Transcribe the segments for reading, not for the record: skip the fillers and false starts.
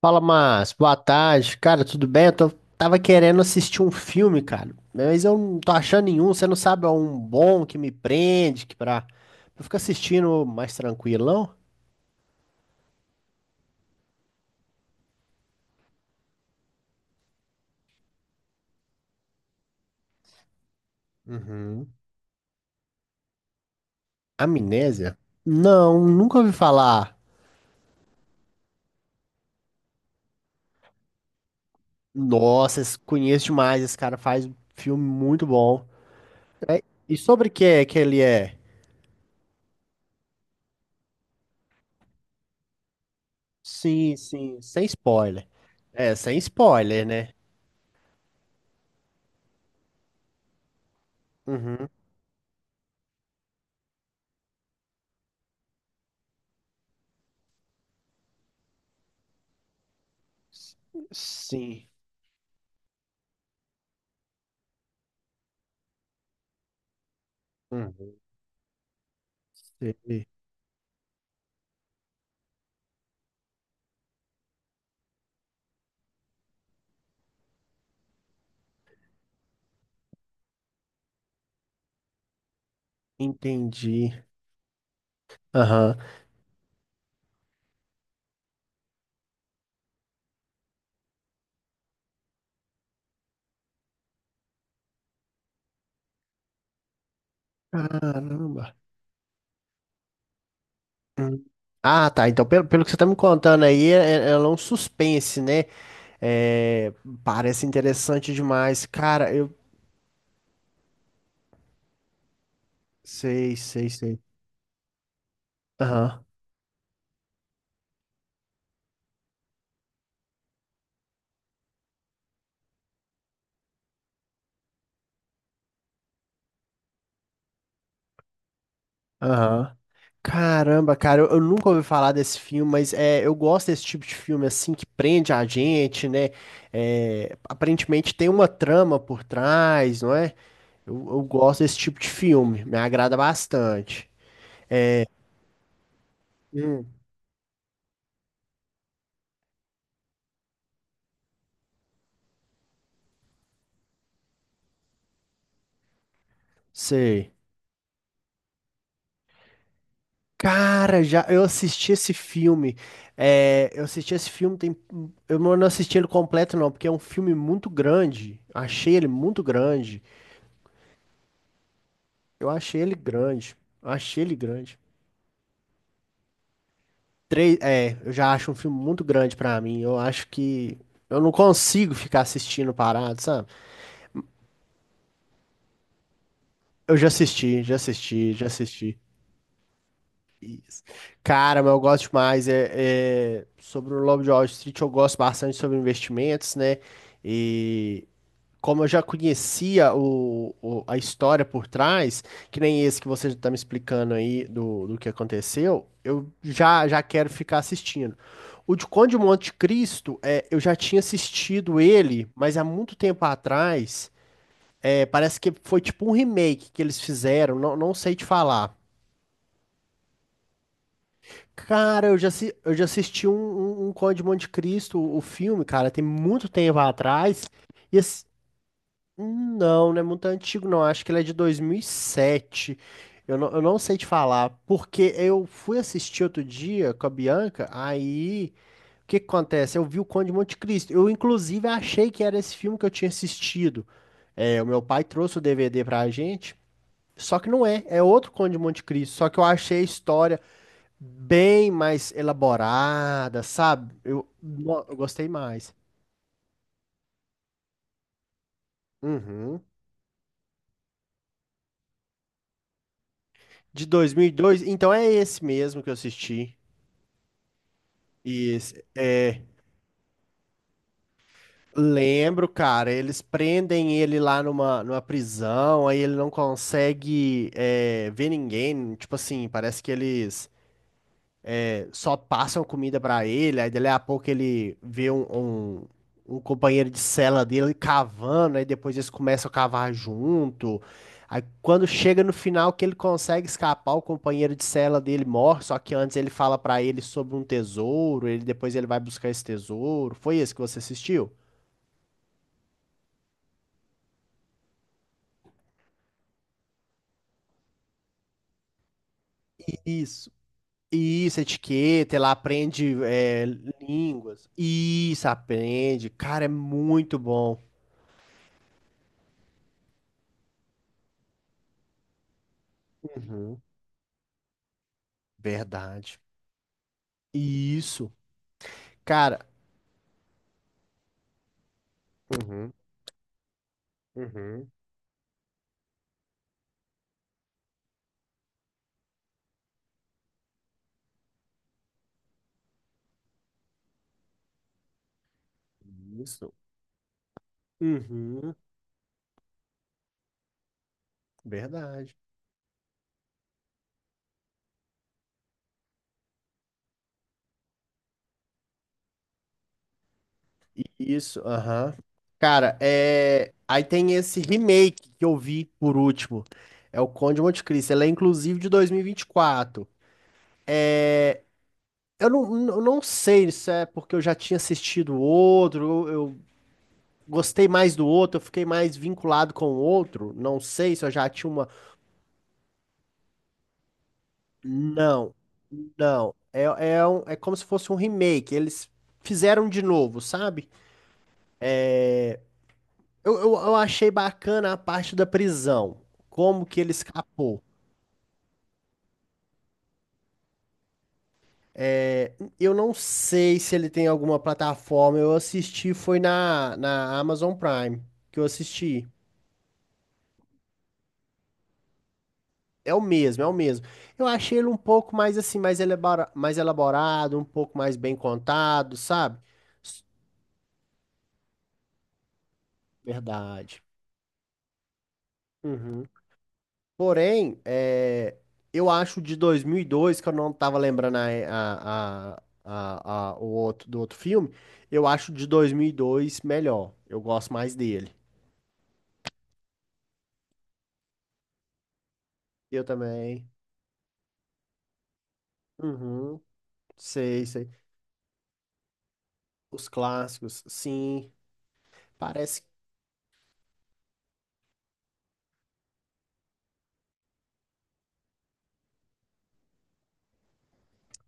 Fala, Márcio. Boa tarde. Cara, tudo bem? Tava querendo assistir um filme, cara, mas eu não tô achando nenhum. Você não sabe é um bom que me prende, que pra eu ficar assistindo mais tranquilão? Uhum. Amnésia? Não, nunca ouvi falar. Nossa, conheço demais. Esse cara faz um filme muito bom. E sobre o que é que ele é? Sim, sim, sem spoiler. É, sem spoiler, né? Uhum. Sim. Uhum. Sei. Entendi. Aham. Caramba. Hum. Ah, tá. Então, pelo que você tá me contando aí, ela é um suspense, né? É, parece interessante demais. Cara, eu sei, sei, sei. Aham, aham. Caramba, cara, eu nunca ouvi falar desse filme, mas é, eu gosto desse tipo de filme assim que prende a gente, né? É, aparentemente tem uma trama por trás, não é? Eu gosto desse tipo de filme, me agrada bastante. Hum. Sei. Cara, já eu assisti esse filme. É, eu assisti esse filme, tem, eu não assisti ele completo, não, porque é um filme muito grande. Achei ele muito grande. Eu achei ele grande. Achei ele grande. Três, é, eu já acho um filme muito grande pra mim. Eu acho que eu não consigo ficar assistindo parado, sabe? Eu já assisti, já assisti, já assisti. Isso. Cara, mas eu gosto demais. É, é, sobre o Lobo de Wall Street, eu gosto bastante sobre investimentos, né? E. Como eu já conhecia a história por trás, que nem esse que você está me explicando aí do que aconteceu, eu já quero ficar assistindo. O de Conde de Monte Cristo, é, eu já tinha assistido ele, mas há muito tempo atrás. É, parece que foi tipo um remake que eles fizeram, não, não sei te falar. Cara, eu já assisti um Conde de Monte Cristo, o filme, cara, tem muito tempo atrás. E hum. Não, não é muito antigo, não. Acho que ele é de 2007. Eu não sei te falar, porque eu fui assistir outro dia com a Bianca, aí o que que acontece? Eu vi o Conde de Monte Cristo. Eu, inclusive, achei que era esse filme que eu tinha assistido. É, o meu pai trouxe o DVD pra gente, só que não é, é outro Conde de Monte Cristo. Só que eu achei a história bem mais elaborada, sabe? Eu, no- eu gostei mais. Uhum. De dois. Mil e dois, então é esse mesmo que eu assisti. Isso, é, lembro, cara, eles prendem ele lá numa prisão, aí ele não consegue é, ver ninguém, tipo assim, parece que eles é, só passam comida pra ele, aí dali a pouco ele vê um, um companheiro de cela dele cavando, aí depois eles começam a cavar junto, aí quando chega no final que ele consegue escapar, o companheiro de cela dele morre, só que antes ele fala pra ele sobre um tesouro, ele depois ele vai buscar esse tesouro, foi esse que você assistiu? Isso, isso, etiqueta, ela aprende é, línguas. Isso, aprende. Cara, é muito bom. Uhum, verdade. Isso, cara. Uhum, uhum, isso. Uhum, verdade. Isso, aham. Cara, é aí tem esse remake que eu vi por último. É o Conde de Monte Cristo. Ela é inclusive de 2024. Eu não, não sei se é porque eu já tinha assistido outro, eu gostei mais do outro, eu fiquei mais vinculado com o outro, não sei se eu já tinha uma. Não, não. É, é, é como se fosse um remake, eles fizeram de novo, sabe? Eu achei bacana a parte da prisão, como que ele escapou. É, eu não sei se ele tem alguma plataforma, eu assisti, foi na Amazon Prime que eu assisti. É o mesmo, é o mesmo. Eu achei ele um pouco mais assim, mais elaborado, um pouco mais bem contado, sabe? S- Verdade. Uhum. Porém, é, eu acho o de 2002, que eu não tava lembrando o outro, do outro filme, eu acho o de 2002 melhor. Eu gosto mais dele. Eu também. Uhum. Sei, sei. Os clássicos, sim. Parece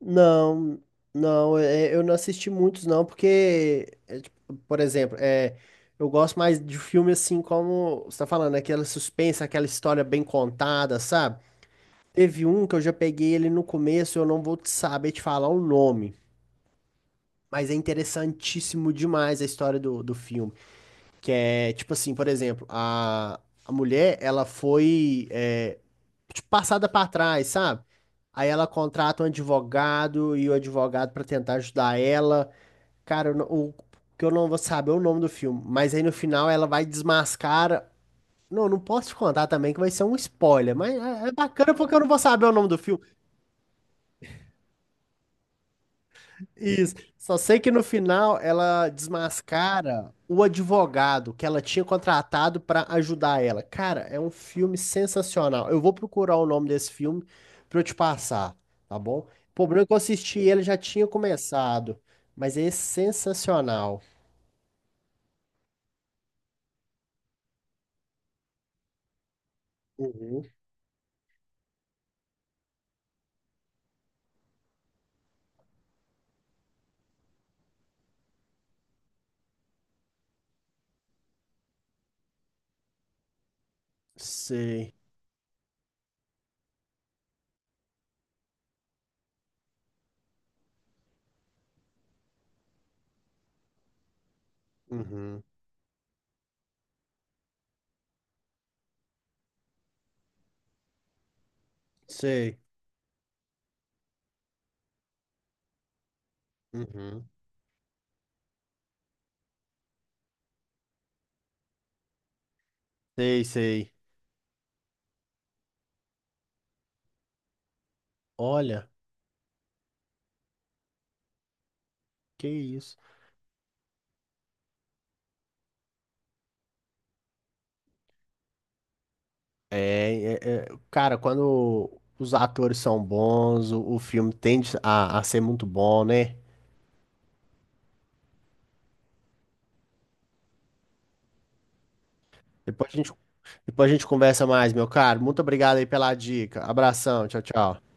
não, não, eu não assisti muitos não, porque, é, tipo, por exemplo, é, eu gosto mais de filme assim como você tá falando, aquela suspense, aquela história bem contada, sabe? Teve um que eu já peguei ele no começo, eu não vou te saber te falar o nome, mas é interessantíssimo demais a história do filme, que é, tipo assim, por exemplo, a mulher, ela foi, é, tipo, passada pra trás, sabe? Aí ela contrata um advogado e o advogado pra tentar ajudar ela. Cara, eu não- o que eu não vou saber é o nome do filme, mas aí no final ela vai desmascar. Não, não posso te contar também que vai ser um spoiler, mas é é bacana porque eu não vou saber o nome do filme. Isso. Só sei que no final ela desmascara o advogado que ela tinha contratado pra ajudar ela. Cara, é um filme sensacional. Eu vou procurar o nome desse filme pra eu te passar, tá bom? O problema é que eu assisti ele já tinha começado, mas é sensacional. Uhum. Sei. Uhum. Sei. Uhum. Sei, sei. Olha, que isso. É, cara, quando os atores são bons, o filme tende a ser muito bom, né? Depois a gente, depois a gente conversa mais, meu caro. Muito obrigado aí pela dica. Abração, tchau, tchau.